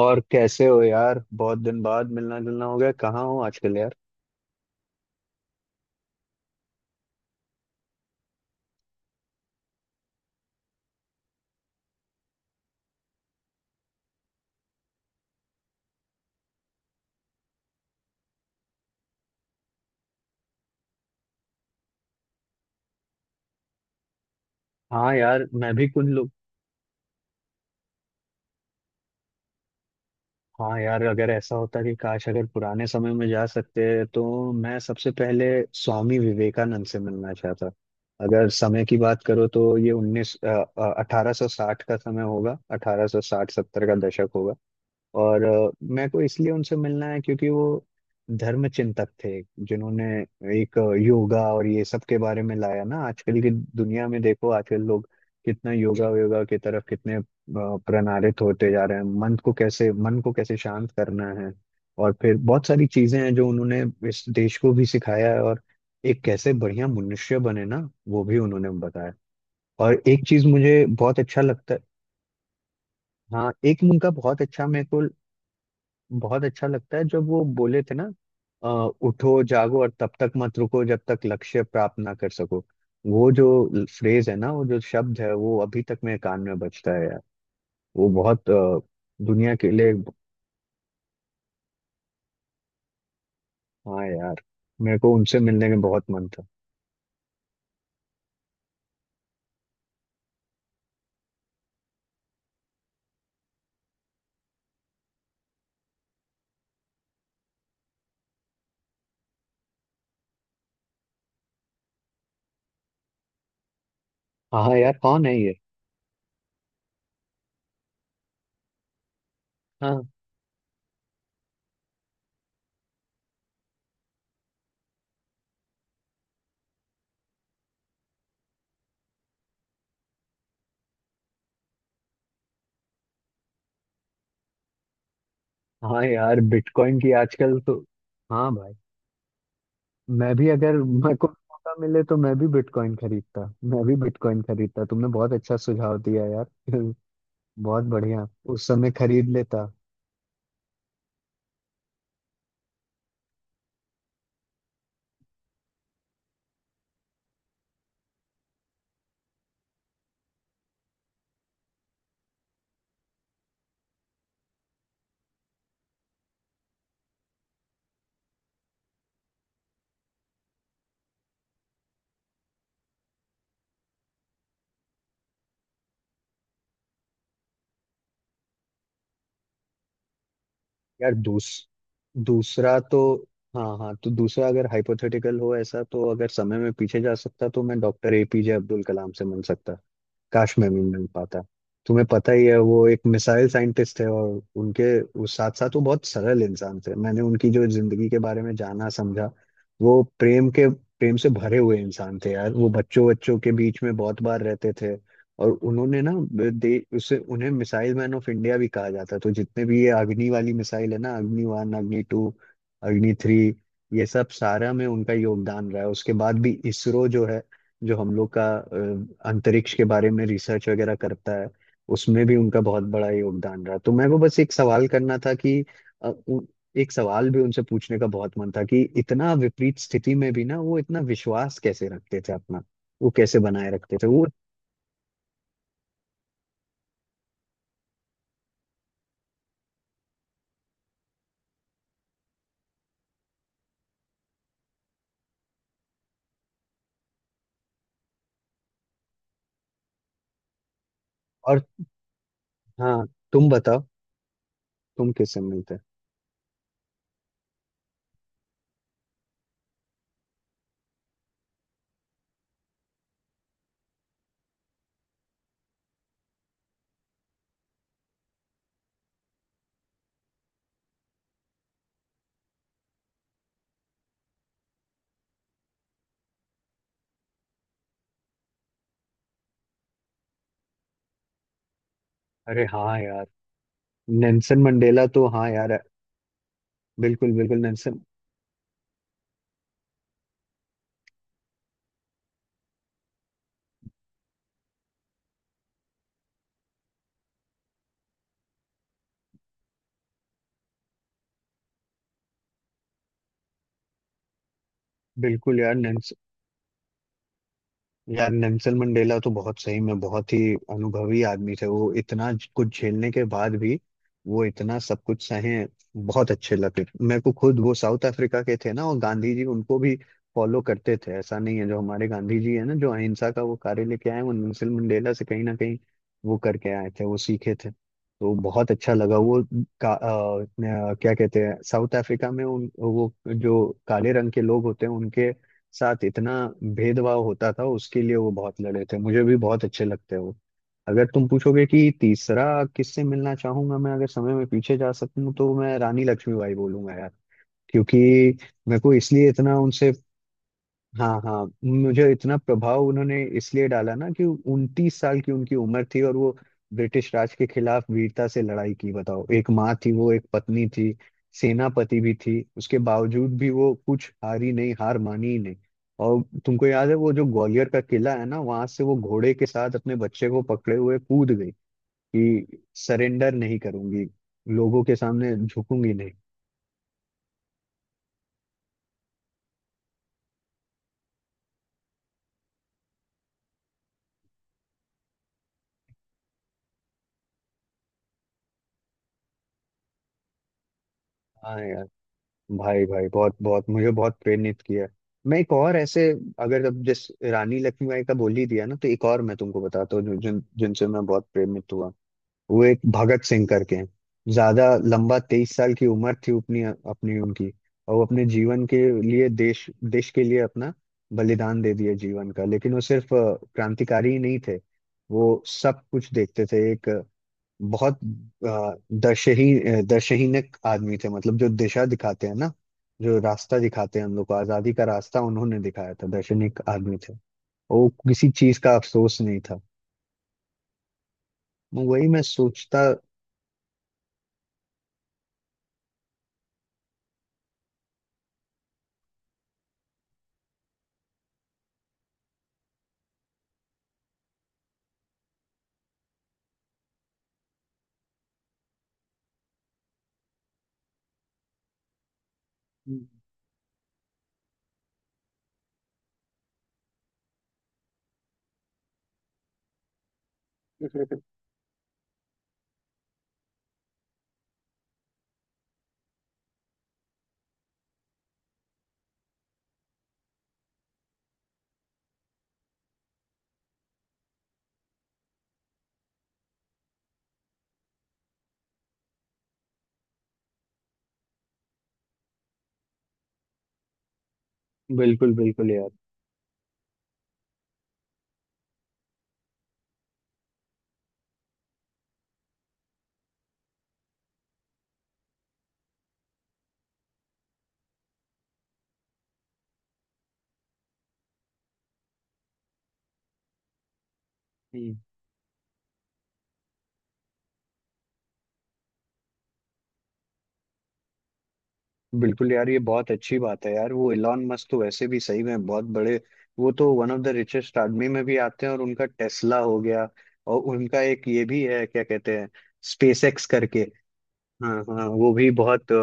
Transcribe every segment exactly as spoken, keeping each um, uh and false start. और कैसे हो यार, बहुत दिन बाद मिलना जुलना हो गया। कहाँ हो आजकल यार? हाँ यार, मैं भी कुछ लोग। हाँ यार, अगर ऐसा होता कि काश अगर पुराने समय में जा सकते तो मैं सबसे पहले स्वामी विवेकानंद से मिलना चाहता। अगर समय की बात करो तो ये उन्नीस अठारह सौ साठ का समय होगा, अठारह सौ साठ सत्तर का दशक होगा। और अ, मेरे को इसलिए उनसे मिलना है क्योंकि वो धर्म चिंतक थे, जिन्होंने एक अ, योगा और ये सब के बारे में लाया ना। आजकल की दुनिया में देखो, आजकल लोग कितना योगा योगा की तरफ कितने अ, प्रणालित होते जा रहे हैं। मन को कैसे मन को कैसे शांत करना है, और फिर बहुत सारी चीजें हैं जो उन्होंने इस देश को भी सिखाया है। और एक कैसे बढ़िया मनुष्य बने ना, वो भी उन्होंने बताया। और एक चीज मुझे बहुत अच्छा लगता है। हाँ, एक उनका बहुत अच्छा मेरे को बहुत अच्छा लगता है, जब वो बोले थे ना, अ, उठो जागो और तब तक मत रुको जब तक लक्ष्य प्राप्त ना कर सको। वो जो फ्रेज है ना, वो जो शब्द है, वो अभी तक मेरे कान में बजता है यार। वो बहुत अ, दुनिया के लिए। हाँ यार, मेरे को उनसे मिलने में बहुत मन था। हाँ यार, कौन है ये? हाँ। हाँ यार, बिटकॉइन की आजकल तो। हाँ भाई, मैं भी अगर मेरे को मौका मिले तो मैं भी बिटकॉइन खरीदता, मैं भी बिटकॉइन खरीदता। तुमने बहुत अच्छा सुझाव दिया यार। बहुत बढ़िया, उस समय खरीद लेता। यार दूस दूसरा तो। हाँ हाँ, तो दूसरा अगर हाइपोथेटिकल हो ऐसा, तो अगर समय में पीछे जा सकता तो मैं डॉक्टर ए पी जे अब्दुल कलाम से मिल सकता। काश मैं भी मिल पाता। तुम्हें पता ही है, वो एक मिसाइल साइंटिस्ट है, और उनके उस साथ साथ वो बहुत सरल इंसान थे। मैंने उनकी जो जिंदगी के बारे में जाना समझा, वो प्रेम के प्रेम से भरे हुए इंसान थे यार। वो बच्चों बच्चों के बीच में बहुत बार रहते थे। और उन्होंने ना दे उसे उन्हें मिसाइल मैन ऑफ इंडिया भी कहा जाता है। तो जितने भी ये अग्नि वाली मिसाइल है ना, अग्नि वन, अग्नि टू, अग्नि थ्री, ये सब सारा में उनका योगदान रहा है। उसके बाद भी इसरो जो है, जो हम लोग का अ, अंतरिक्ष के बारे में रिसर्च वगैरह करता है, उसमें भी उनका बहुत बड़ा योगदान रहा। तो मैं वो बस एक सवाल करना था कि अ, उ- एक सवाल भी उनसे पूछने का बहुत मन था, कि इतना विपरीत स्थिति में भी ना वो इतना विश्वास कैसे रखते थे अपना, वो कैसे बनाए रखते थे वो। और हाँ, तुम बताओ, तुम किससे मिलते? अरे हाँ यार, नेल्सन मंडेला तो। हाँ यार, बिल्कुल बिल्कुल नेल्सन। बिल्कुल यार। यार नेल्सन मंडेला तो बहुत सही में बहुत ही अनुभवी आदमी थे। वो इतना कुछ झेलने के बाद भी, वो इतना सब कुछ सहे। बहुत अच्छे लगे मेरे को। खुद वो साउथ अफ्रीका के थे ना, और गांधी जी उनको भी फॉलो करते थे। ऐसा नहीं है जो हमारे गांधी जी है ना, जो अहिंसा का वो कार्य लेके आए, वो नेल्सन मंडेला से कहीं ना कहीं वो करके आए थे, वो सीखे थे। तो बहुत अच्छा लगा वो। का, अ, क्या कहते हैं, साउथ अफ्रीका में उन वो जो काले रंग के लोग होते हैं उनके साथ इतना भेदभाव होता था, उसके लिए वो बहुत लड़े थे। मुझे भी बहुत अच्छे लगते हैं वो। अगर तुम पूछोगे कि तीसरा किससे मिलना चाहूंगा मैं अगर समय में पीछे जा सकूं, तो मैं रानी लक्ष्मीबाई बोलूंगा यार। क्योंकि मेरे को इसलिए इतना उनसे, हाँ हाँ, मुझे इतना प्रभाव उन्होंने इसलिए डाला ना, कि उनतीस साल की उनकी उम्र थी, और वो ब्रिटिश राज के खिलाफ वीरता से लड़ाई की। बताओ, एक माँ थी वो, एक पत्नी थी, सेनापति भी थी, उसके बावजूद भी वो कुछ हारी नहीं, हार मानी ही नहीं। और तुमको याद है वो जो ग्वालियर का किला है ना, वहां से वो घोड़े के साथ अपने बच्चे को पकड़े हुए कूद गई, कि सरेंडर नहीं करूंगी, लोगों के सामने झुकूंगी नहीं। हाँ यार, भाई भाई, बहुत बहुत मुझे बहुत प्रेरित किया है। मैं एक और ऐसे, अगर अब जिस रानी लक्ष्मीबाई का बोल ही दिया ना, तो एक और मैं तुमको बताता हूँ, जो- जिन जिनसे मैं बहुत प्रेरित हुआ। वो एक भगत सिंह करके हैं। ज्यादा लंबा तेईस साल की उम्र थी अपनी, अपनी उनकी। और वो अपने जीवन के लिए देश देश के लिए अपना बलिदान दे दिया जीवन का। लेकिन वो सिर्फ अ, क्रांतिकारी ही नहीं थे, वो सब कुछ देखते थे। एक बहुत अ, दशही अ, दशहीनक आदमी थे, मतलब जो दिशा दिखाते हैं ना, जो रास्ता दिखाते हैं, हम लोग को आजादी का रास्ता उन्होंने दिखाया था। दशहीनक आदमी थे, वो किसी चीज का अफसोस नहीं था। वही मैं सोचता। बिल्कुल बिल्कुल यार। हम्म। बिल्कुल यार, ये बहुत अच्छी बात है यार। वो एलॉन मस्क तो वैसे भी सही में बहुत बड़े, वो तो वन ऑफ द रिचेस्ट आदमी में भी आते हैं। और उनका टेस्ला हो गया, और उनका एक ये भी है, क्या कहते हैं, स्पेस एक्स करके। हाँ हाँ, वो भी बहुत अ,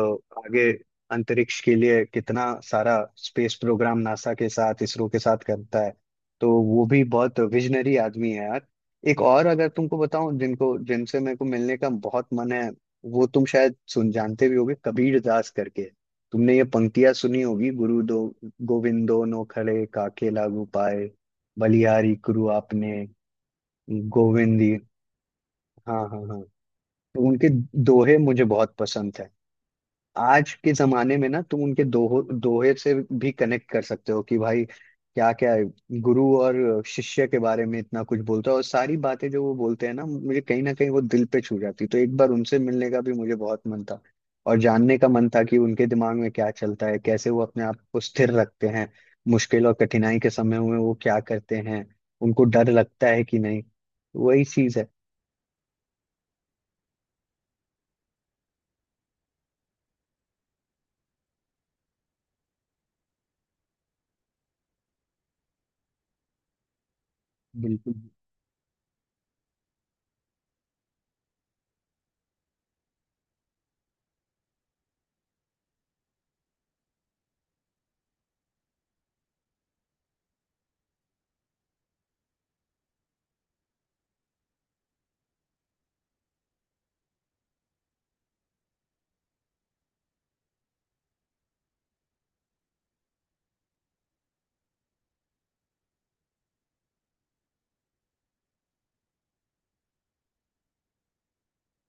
आगे अंतरिक्ष के लिए कितना सारा स्पेस प्रोग्राम नासा के साथ इसरो के साथ करता है। तो वो भी बहुत विजनरी आदमी है यार। एक और अगर तुमको बताऊं जिनको जिनसे मेरे को मिलने का बहुत मन है, वो तुम शायद सुन जानते भी होगे, कबीर दास करके। तुमने ये पंक्तियां सुनी होगी, गुरु दो गोविंदो नो खड़े, काके लागू पाए, बलिहारी गुरु आपने गोविंदी। हाँ हाँ हाँ। तो उनके दोहे मुझे बहुत पसंद है। आज के जमाने में ना तुम उनके दोहो दोहे से भी कनेक्ट कर सकते हो कि भाई क्या क्या है। गुरु और शिष्य के बारे में इतना कुछ बोलता है, और सारी बातें जो वो बोलते हैं ना, मुझे कहीं ना कहीं वो दिल पे छू जाती है। तो एक बार उनसे मिलने का भी मुझे बहुत मन था, और जानने का मन था कि उनके दिमाग में क्या चलता है, कैसे वो अपने आप को स्थिर रखते हैं मुश्किल और कठिनाई के समय में, वो क्या करते हैं, उनको डर लगता है कि नहीं। वही चीज है। बिल्कुल।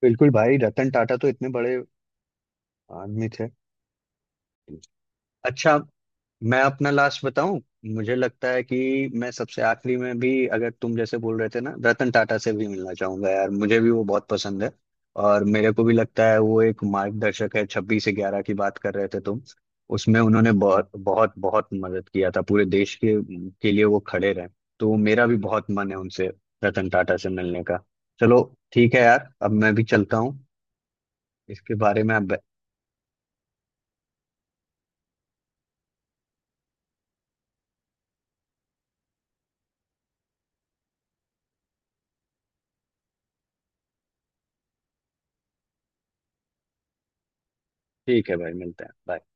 बिल्कुल भाई, रतन टाटा तो इतने बड़े आदमी थे। अच्छा, मैं अपना लास्ट बताऊं। मुझे लगता है कि मैं सबसे आखिरी में भी, अगर तुम जैसे बोल रहे थे ना, रतन टाटा से भी मिलना चाहूंगा यार, मुझे भी वो बहुत पसंद है। और मेरे को भी लगता है वो एक मार्गदर्शक है। छब्बीस से ग्यारह की बात कर रहे थे तुम, उसमें उन्होंने बहुत बहुत बहुत मदद किया था। पूरे देश के के लिए वो खड़े रहे। तो मेरा भी बहुत मन है उनसे, रतन टाटा से मिलने का। चलो, ठीक है यार, अब मैं भी चलता हूँ। इसके बारे में आप। ठीक है भाई, मिलते हैं। Bye.